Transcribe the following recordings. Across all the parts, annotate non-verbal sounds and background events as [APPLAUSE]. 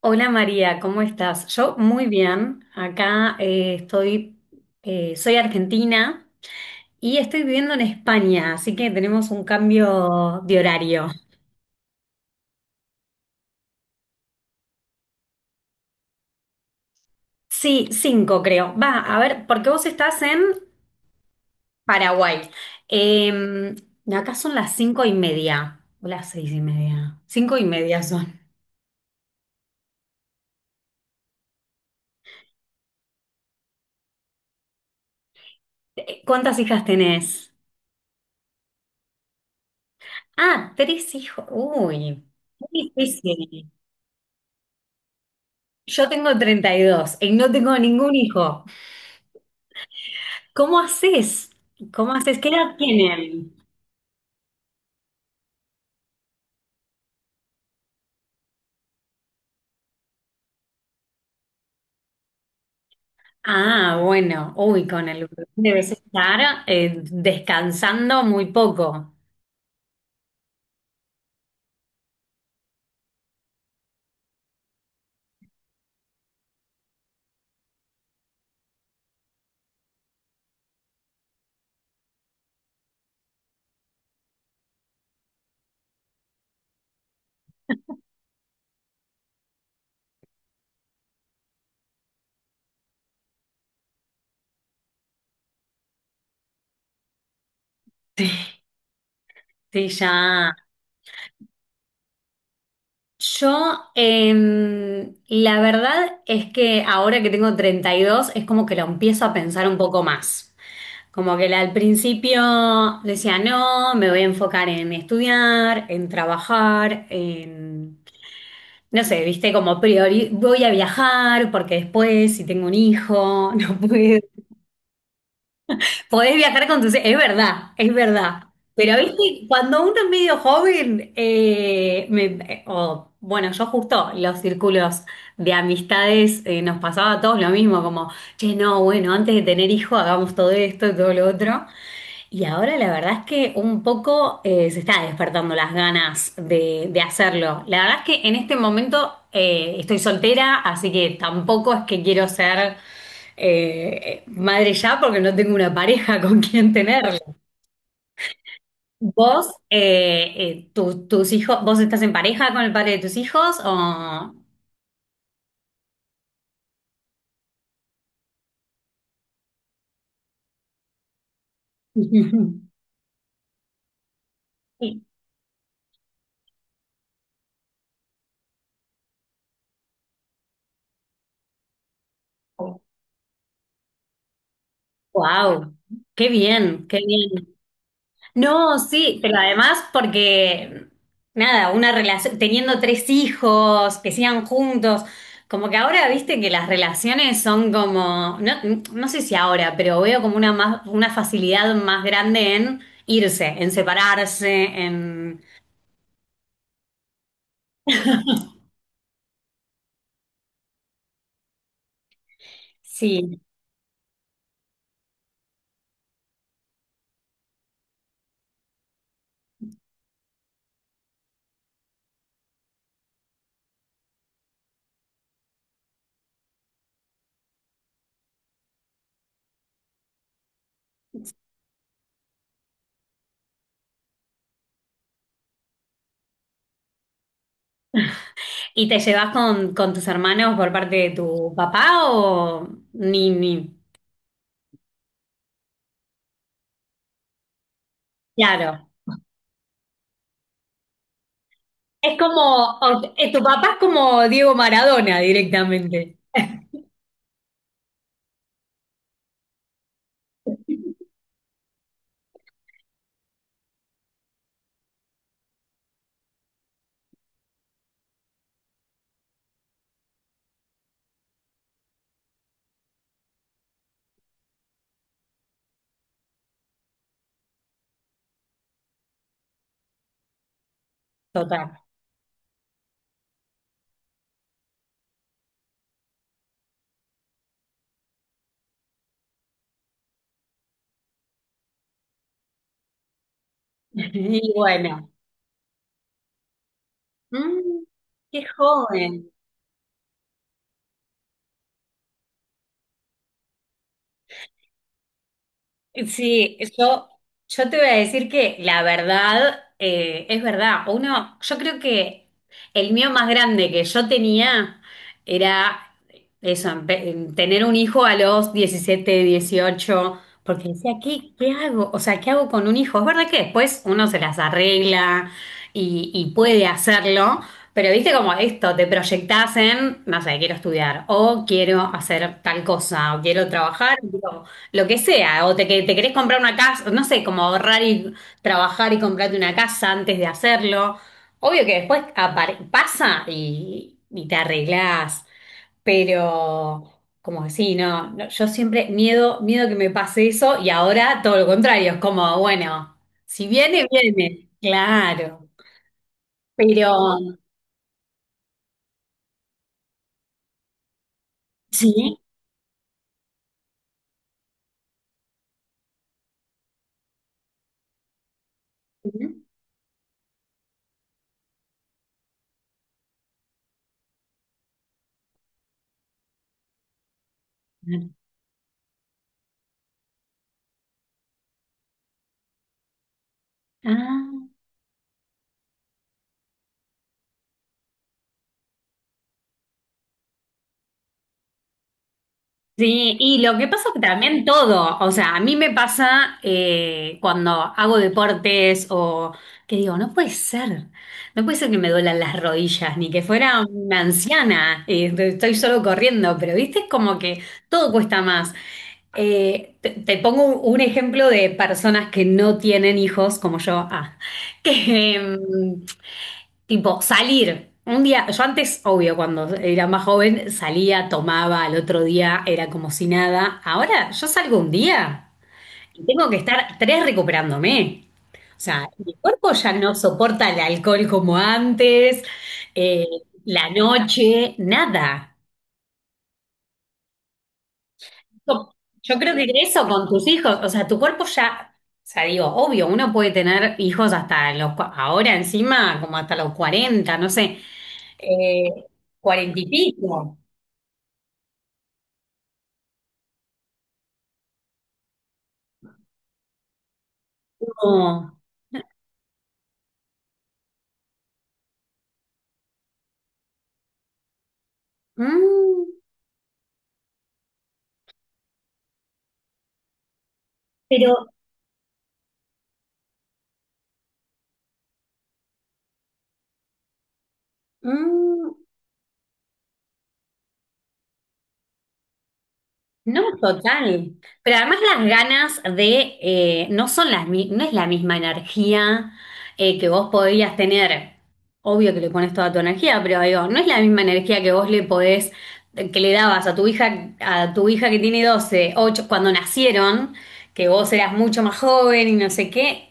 Hola María, ¿cómo estás? Yo muy bien. Acá soy argentina y estoy viviendo en España, así que tenemos un cambio de horario. Sí, cinco creo. Va, a ver, porque vos estás en Paraguay. Eh, Acá son las 5:30, o las 6:30. 5:30 son. ¿Cuántas hijas tenés? Ah, tres hijos. Uy, muy difícil. Yo tengo 32, y no tengo ningún hijo. ¿Cómo haces? ¿Cómo haces? ¿Qué edad tienen? Ah, bueno, uy, con el bebé debes estar descansando muy poco. Sí, sí, ya. Yo, la verdad es que ahora que tengo 32 es como que lo empiezo a pensar un poco más. Como que al principio decía, no, me voy a enfocar en estudiar, en trabajar. No sé, viste, como priori, voy a viajar porque después, si tengo un hijo, [LAUGHS] no puedo. Podés viajar con tus. Es verdad, es verdad. Pero, viste, cuando uno es medio joven, o, bueno, yo justo los círculos de amistades nos pasaba a todos lo mismo, como, che, no, bueno, antes de tener hijo hagamos todo esto y todo lo otro. Y ahora la verdad es que un poco se está despertando las ganas de hacerlo. La verdad es que en este momento estoy soltera, así que tampoco es que quiero ser madre ya porque no tengo una pareja [LAUGHS] con quien tenerlo. ¿Vos, tus hijos, vos estás en pareja con el padre de tus hijos? [LAUGHS] Wow, qué bien, qué bien. No, sí, pero además porque, nada, una relación, teniendo tres hijos, que sigan juntos, como que ahora viste que las relaciones son como, no, no sé si ahora, pero veo como una más, una facilidad más grande en irse, en separarse. Sí. ¿Y te llevas con tus hermanos por parte de tu papá o ni, ni? Claro. Es como, tu papá es como Diego Maradona directamente. [LAUGHS] Total. [LAUGHS] Y bueno, mm, qué joven. Sí, yo te voy a decir que la verdad es verdad. Uno, yo creo que el mío más grande que yo tenía era eso, tener un hijo a los 17, 18, porque decía, ¿qué hago? O sea, ¿qué hago con un hijo? Es verdad que después uno se las arregla y puede hacerlo, pero viste como esto, te proyectás en, no sé, quiero estudiar, o quiero hacer tal cosa, o quiero trabajar. Lo que sea, o te, que te querés comprar una casa, no sé, como ahorrar y trabajar y comprarte una casa antes de hacerlo. Obvio que después pasa y te arreglás, pero como que sí, no, no, yo siempre miedo, miedo que me pase eso y ahora todo lo contrario, es como, bueno, si viene, viene, claro, pero sí. Ujú. Ah. Sí, y lo que pasa es que también todo, o sea, a mí me pasa cuando hago deportes o que digo, no puede ser, no puede ser que me duelan las rodillas, ni que fuera una anciana, estoy solo corriendo, pero viste, es como que todo cuesta más. Te pongo un ejemplo de personas que no tienen hijos, como yo, ah, [LAUGHS] que, Tipo, salir. Un día, yo antes, obvio, cuando era más joven, salía, tomaba, al otro día era como si nada. Ahora yo salgo un día y tengo que estar tres recuperándome. O sea, mi cuerpo ya no soporta el alcohol como antes, eh, la noche, nada. Yo yo creo que eso con tus hijos, o sea, tu cuerpo ya, o sea, digo, obvio, uno puede tener hijos hasta los, ahora encima, como hasta los 40, no sé. Eh, Cuarenta y pico. No. Mm, Pero mm, no, total. Pero además las ganas de, no son las, no es la misma energía que vos podrías tener. Obvio que le pones toda tu energía, pero digo, no es la misma energía que vos le podés, que le dabas a tu hija que tiene 12 8 cuando nacieron, que vos eras mucho más joven y no sé qué.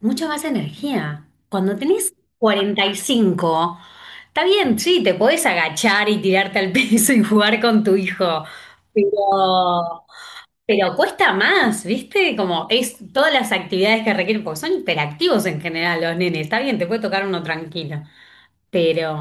Mucha más energía. Cuando tenés 45 está bien, sí, te podés agachar y tirarte al [LAUGHS] piso y jugar con tu hijo, pero, pero, cuesta más, ¿viste? Como es todas las actividades que requieren, porque son hiperactivos en general los nenes, está bien, te puede tocar uno tranquilo, pero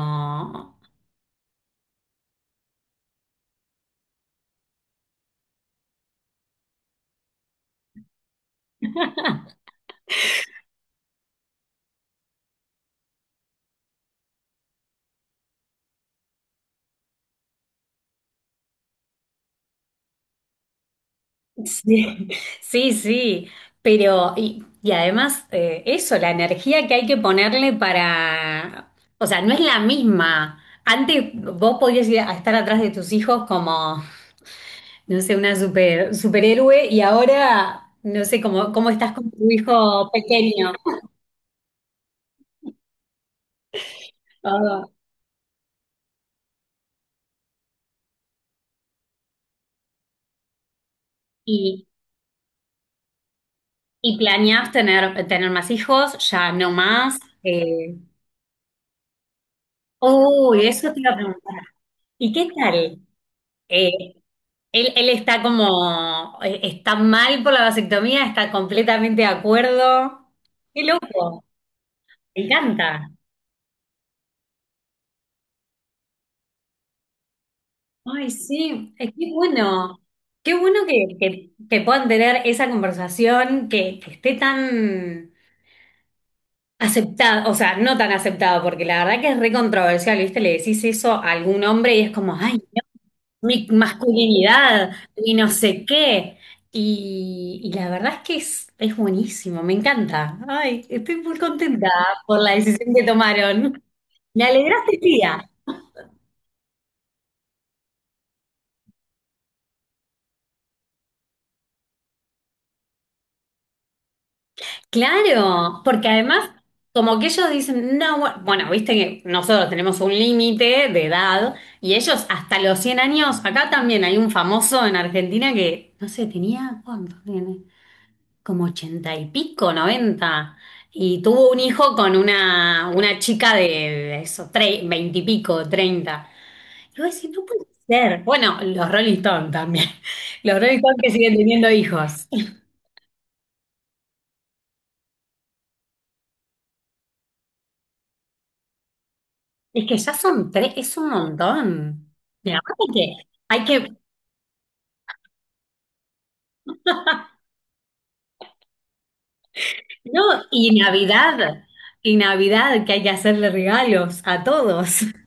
sí, [LAUGHS] sí, sí, pero y además eso, la energía que hay que ponerle para, o sea, no es la misma. Antes vos podías ir a estar atrás de tus hijos como, no sé, una superhéroe y ahora no sé cómo estás con tu hijo pequeño. [LAUGHS] Ah, y, y planeás tener más hijos, ya no más. Uy, eso te iba a preguntar. ¿Y qué tal? Eh, él está como, está mal por la vasectomía, está completamente de acuerdo. Qué loco, me encanta. Ay, sí, es que bueno, qué bueno que, que puedan tener esa conversación, que esté tan aceptada, o sea, no tan aceptada, porque la verdad que es re controversial, ¿viste? Le decís eso a algún hombre y es como, ay, mi masculinidad y no sé qué. Y la verdad es que es, buenísimo, me encanta. Ay, estoy muy contenta por la decisión que tomaron. Me alegraste el día. Claro, porque además, como que ellos dicen, no, bueno, viste que nosotros tenemos un límite de edad y ellos hasta los 100 años, acá también hay un famoso en Argentina que, no sé, tenía, ¿cuánto tiene? Como ochenta y pico, 90, y tuvo un hijo con una, chica de eso, veinte y pico, 30. Y vos decís, no puede ser. Bueno, los Rolling Stones también. [LAUGHS] Los Rolling Stones que siguen teniendo hijos. [LAUGHS] Es que ya son tres, es un montón. Y aparte que hay que, no, y Navidad, y Navidad que hay que hacerle regalos a todos. [LAUGHS]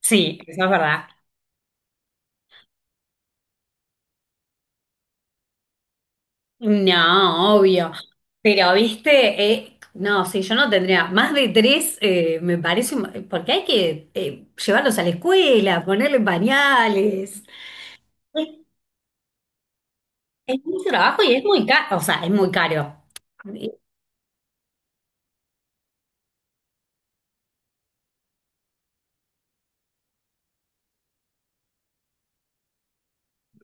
Sí, eso es verdad. No, obvio. Pero, viste, no, sí, yo no tendría más de tres, me parece, porque hay que llevarlos a la escuela, ponerle pañales. Es, es mucho trabajo y es muy caro, o sea, es muy caro.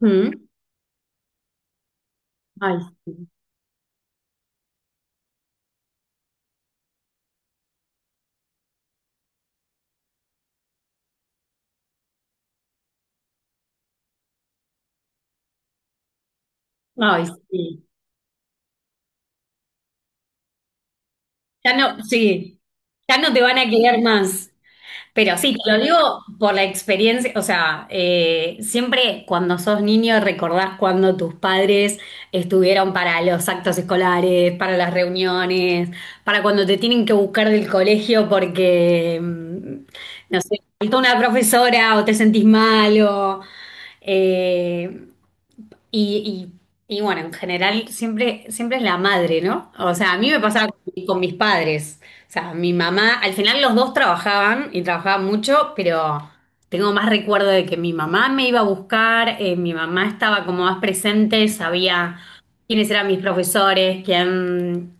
Mm. Ay, sí. Ay, sí. Ya no, sí, ya no te van a querer más. Pero sí, te lo digo por la experiencia, o sea, siempre cuando sos niño recordás cuando tus padres estuvieron para los actos escolares, para las reuniones, para cuando te tienen que buscar del colegio porque, no sé, faltó una profesora o te sentís malo. Y, y bueno, en general siempre, siempre es la madre, ¿no? O sea, a mí me pasaba con, mis padres. O sea, mi mamá, al final los dos trabajaban y trabajaban mucho, pero tengo más recuerdo de que mi mamá me iba a buscar, mi mamá estaba como más presente, sabía quiénes eran mis profesores, quién,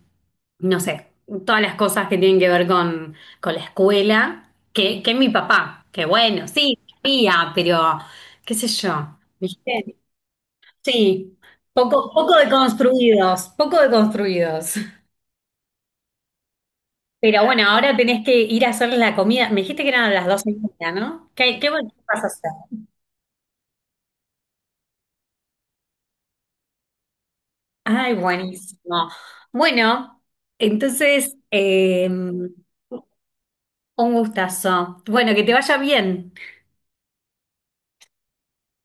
no sé, todas las cosas que tienen que ver con, la escuela, que mi papá, que bueno, sí, sabía, pero qué sé yo, ¿viste? Sí, poco, poco de construidos, poco de construidos. Pero bueno, ahora tenés que ir a hacer la comida. Me dijiste que eran a las 12 y media, ¿no? ¿Qué bueno que vas a hacer? Ay, buenísimo. Bueno, entonces, un gustazo. Bueno, que te vaya bien.